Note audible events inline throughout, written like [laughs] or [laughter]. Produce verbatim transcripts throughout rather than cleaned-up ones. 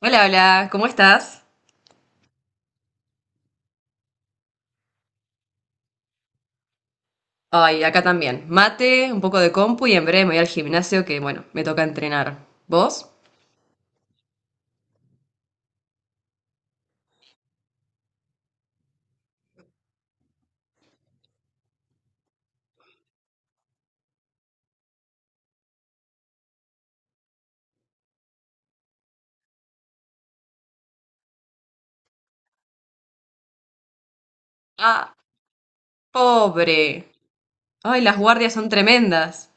Hola, hola, ¿cómo estás? Ay, acá también. Mate, un poco de compu y en breve me voy al gimnasio que, bueno, me toca entrenar. ¿Vos? Ah, pobre. Ay, las guardias son tremendas.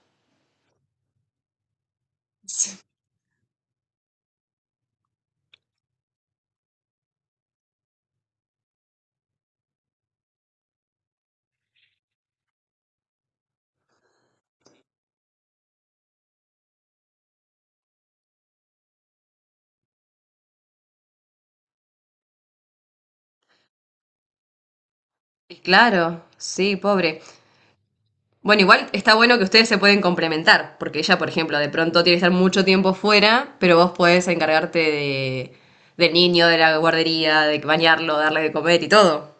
Sí. Claro, sí, pobre. Bueno, igual está bueno que ustedes se pueden complementar, porque ella, por ejemplo, de pronto tiene que estar mucho tiempo fuera, pero vos podés encargarte de, del niño, de la guardería, de bañarlo, darle de comer y todo.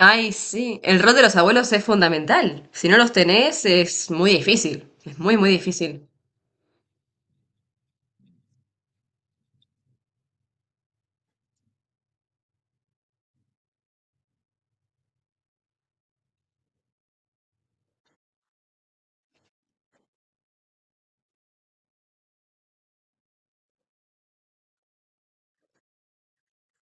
Ay, sí, el rol de los abuelos es fundamental. Si no los tenés, es muy difícil. Es muy, muy difícil.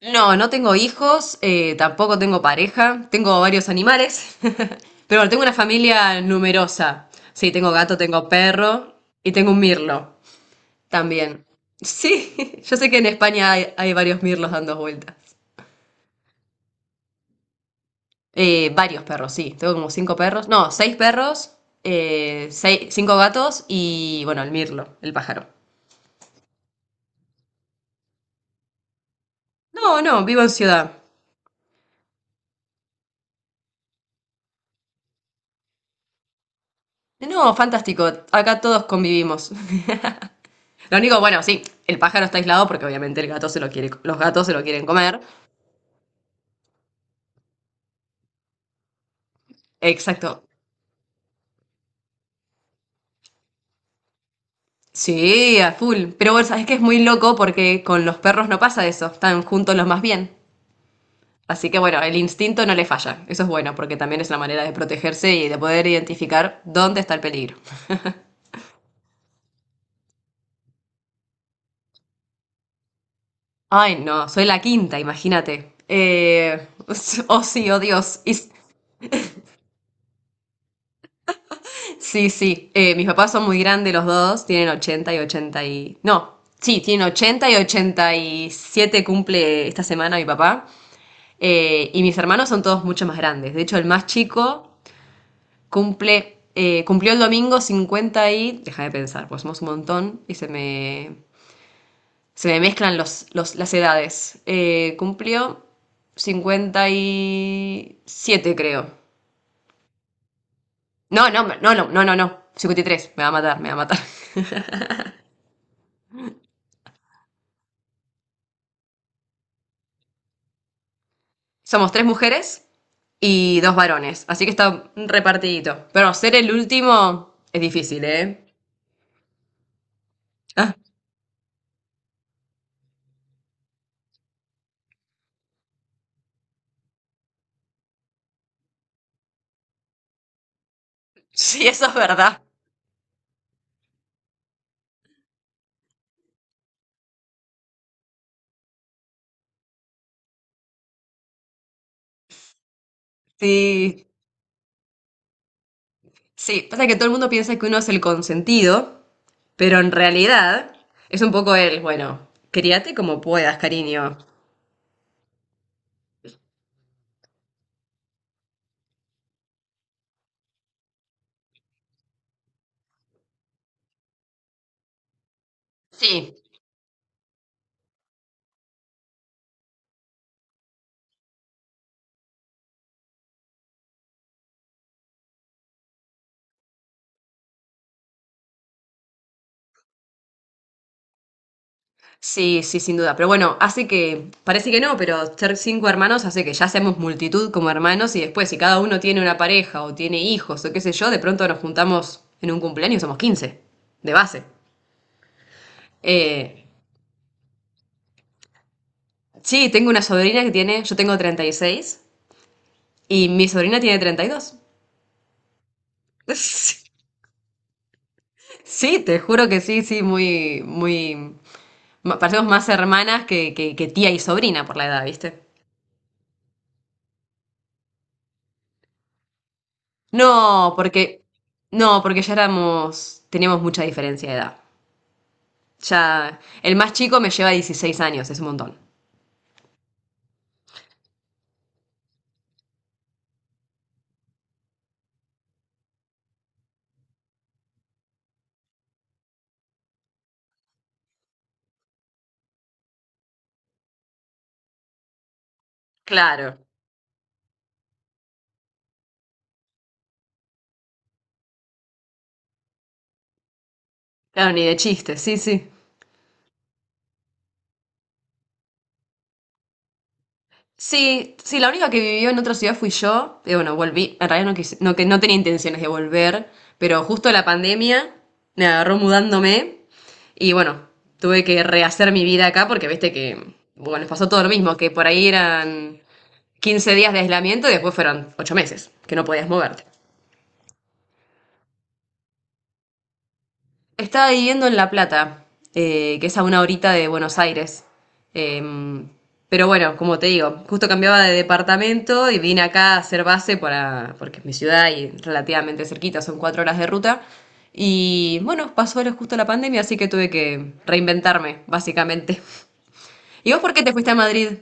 No, no tengo hijos, eh, tampoco tengo pareja, tengo varios animales, [laughs] pero bueno, tengo una familia numerosa. Sí, tengo gato, tengo perro y tengo un mirlo también. Sí, [laughs] yo sé que en España hay, hay varios mirlos dando vueltas. Eh, varios perros, sí. Tengo como cinco perros, no, seis perros, eh, sei- cinco gatos y bueno, el mirlo, el pájaro. No, no, vivo en ciudad. No, fantástico. Acá todos convivimos. [laughs] Lo único, bueno, sí, el pájaro está aislado porque obviamente el gato se lo quiere, los gatos se lo quieren comer. Exacto. Sí, a full. Pero bueno, sabes que es muy loco porque con los perros no pasa eso. Están juntos los más bien. Así que bueno, el instinto no le falla. Eso es bueno porque también es la manera de protegerse y de poder identificar dónde está el peligro. Ay, no, soy la quinta, imagínate. Eh, [laughs] oh sí, oh Dios. Y s- Sí, sí. Eh, mis papás son muy grandes los dos, tienen ochenta y ochenta y... No, sí, tienen ochenta y ochenta y siete cumple esta semana mi papá. Eh, y mis hermanos son todos mucho más grandes. De hecho, el más chico cumple, eh, cumplió el domingo cincuenta y... Deja de pensar, pues somos un montón y se me, se me mezclan los, los- las edades. Eh, cumplió cincuenta y siete creo. No, no, no, no, no, no, no. Cincuenta y tres. Me va a matar, me va a matar. Somos tres mujeres y dos varones, así que está repartidito. Pero ser el último es difícil, ¿eh? Ah, sí, eso es verdad. Sí, sí. Pasa que todo el mundo piensa que uno es el consentido, pero en realidad es un poco el, bueno, críate como puedas, cariño. Sí. Sí, sí, sin duda. Pero bueno, hace que, parece que no, pero ser cinco hermanos hace que ya seamos multitud como hermanos y después si cada uno tiene una pareja o tiene hijos o qué sé yo, de pronto nos juntamos en un cumpleaños, somos quince de base. Eh, sí, tengo una sobrina que tiene, yo tengo treinta y seis y mi sobrina tiene treinta y dos. [laughs] Sí, te juro que sí, sí, muy, muy, ma- parecemos más hermanas que, que, que tía y sobrina por la edad, ¿viste? No, porque no, porque ya éramos, teníamos mucha diferencia de edad. Ya, el más chico me lleva dieciséis años, es un montón. Claro, claro, ni de chiste, sí, sí. Sí, sí, la única que vivió en otra ciudad fui yo. Y bueno, volví. En realidad no, quise- no, que no tenía intenciones de volver, pero justo la pandemia me agarró mudándome. Y bueno, tuve que rehacer mi vida acá porque viste que, bueno, nos pasó todo lo mismo, que por ahí eran quince días de aislamiento y después fueron ocho meses, que no podías moverte. Estaba viviendo en La Plata, eh, que es a una horita de Buenos Aires. Em, pero bueno, como te digo, justo cambiaba de departamento y vine acá a hacer base para, porque es mi ciudad y relativamente cerquita, son cuatro horas de ruta. Y bueno, pasó lo- justo la pandemia, así que tuve que reinventarme, básicamente. [laughs] ¿Y vos por qué te fuiste a Madrid?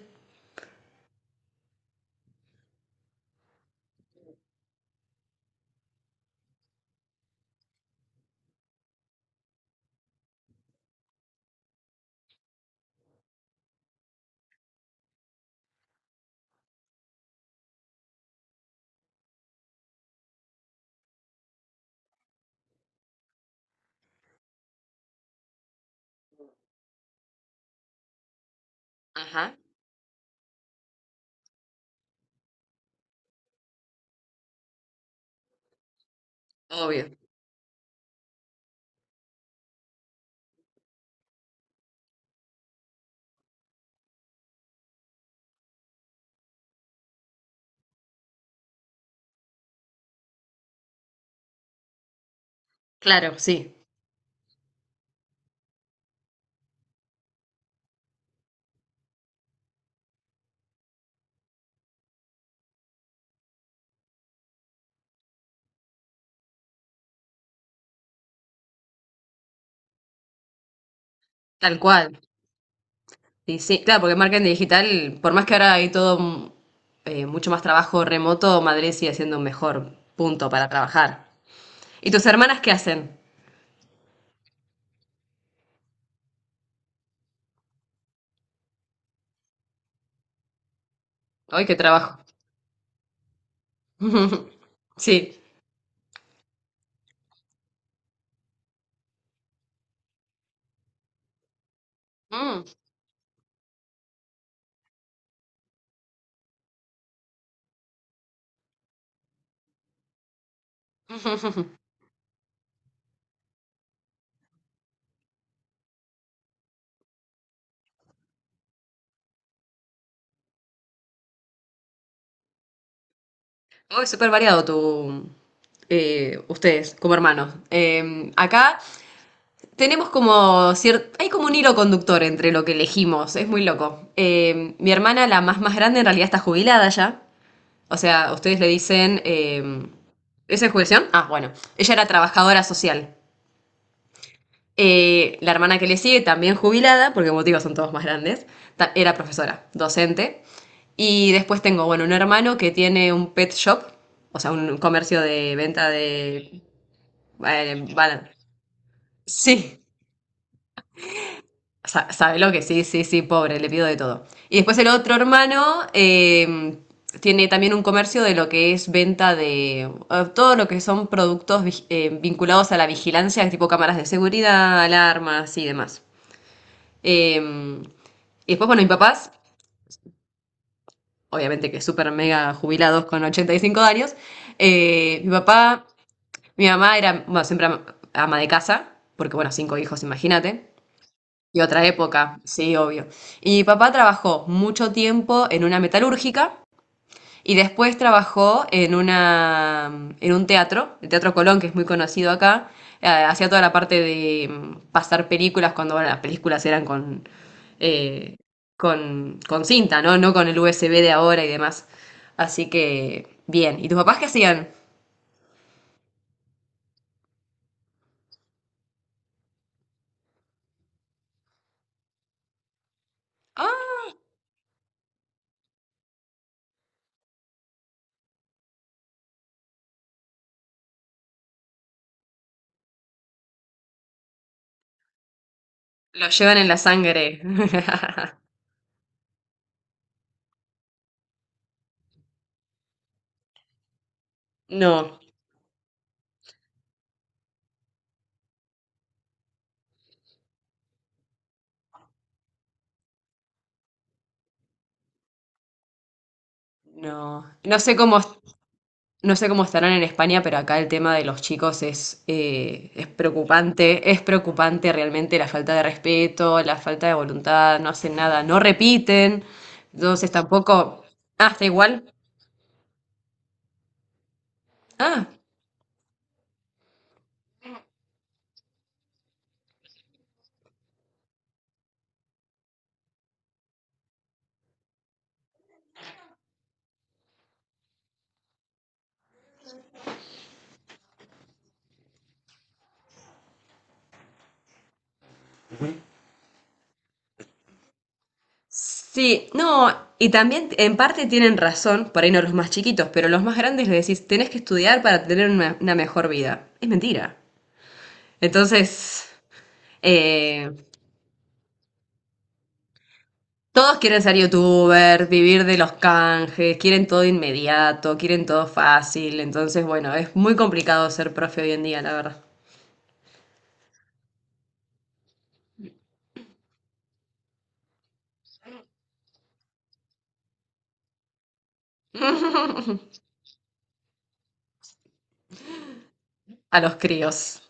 Ajá, obvio. Claro, sí, tal cual. Sí, sí, claro, porque marketing digital, por más que ahora hay todo mm, eh, mucho más trabajo remoto, Madrid sigue siendo un mejor punto para trabajar. ¿Y tus hermanas qué hacen? ¡Ay, qué trabajo! [laughs] Sí. Mm. [laughs] Oh, es súper variado tu, eh, ustedes como hermanos. Eh, acá tenemos como cierto, hay como un hilo conductor entre lo que elegimos, es muy loco. Eh, mi hermana, la más más grande, en realidad está jubilada ya. O sea, ustedes le dicen. eh, ¿Esa es jubilación? Ah, bueno. Ella era trabajadora social. Eh, la hermana que le sigue, también jubilada, porque motivos son todos más grandes, era profesora, docente. Y después tengo, bueno, un hermano que tiene un pet shop, o sea, un comercio de venta de. eh, bana- sí, Sa- sabe lo que sí, sí, sí, pobre, le pido de todo. Y después el otro hermano eh, tiene también un comercio de lo que es venta de eh, todo lo que son productos vi- eh, vinculados a la vigilancia, tipo cámaras de seguridad, alarmas y demás. Eh, y después, bueno, mis papás, obviamente que súper mega jubilados con ochenta y cinco años, eh, mi papá, mi mamá era, bueno, siempre ama ama de casa, porque bueno, cinco hijos, imagínate. Y otra época, sí, obvio. Y mi papá trabajó mucho tiempo en una metalúrgica y después trabajó en una, en un teatro, el Teatro Colón, que es muy conocido acá. Eh, hacía toda la parte de mm, pasar películas cuando, bueno, las películas eran con, eh, con, con cinta, ¿no? No con el U S B de ahora y demás. Así que, bien. ¿Y tus papás qué hacían? Ah, lo llevan en la sangre. [laughs] No, no. No sé cómo No sé cómo estarán en España, pero acá el tema de los chicos es, eh, es preocupante, es preocupante realmente la falta de respeto, la falta de voluntad, no hacen nada, no repiten, entonces tampoco... Ah, está igual. Ah, sí, no, y también en parte tienen razón, por ahí no los más chiquitos, pero los más grandes les decís, tenés que estudiar para tener una, una mejor vida. Es mentira. Entonces, eh, todos quieren ser youtubers, vivir de los canjes, quieren todo inmediato, quieren todo fácil. Entonces, bueno, es muy complicado ser profe hoy en día, la verdad, a los críos.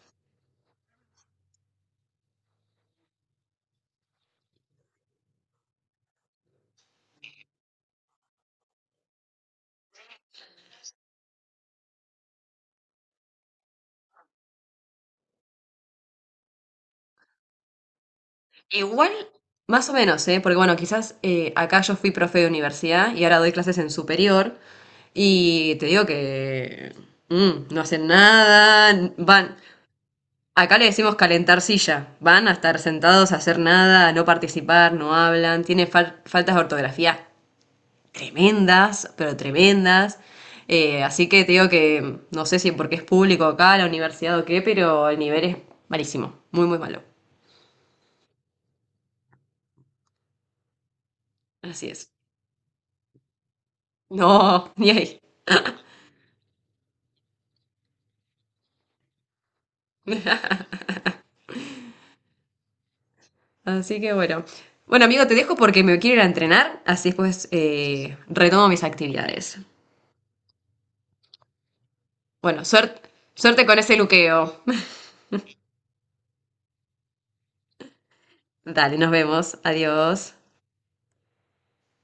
Igual, más o menos, ¿eh? Porque bueno, quizás eh, acá yo fui profe de universidad y ahora doy clases en superior y te digo que mm, no hacen nada, van, acá le decimos calentar silla, van a estar sentados a hacer nada, a no participar, no hablan, tienen fal- faltas de ortografía tremendas, pero tremendas. Eh, así que te digo que no sé si porque es público acá, la universidad o qué, pero el nivel es malísimo, muy, muy malo. Así es. No, [laughs] ni ahí. Así que bueno. Bueno, amigo, te dejo porque me quiero ir a entrenar, así después eh, retomo mis actividades. Bueno, suerte, suerte con ese luqueo. [laughs] Dale, nos vemos. Adiós.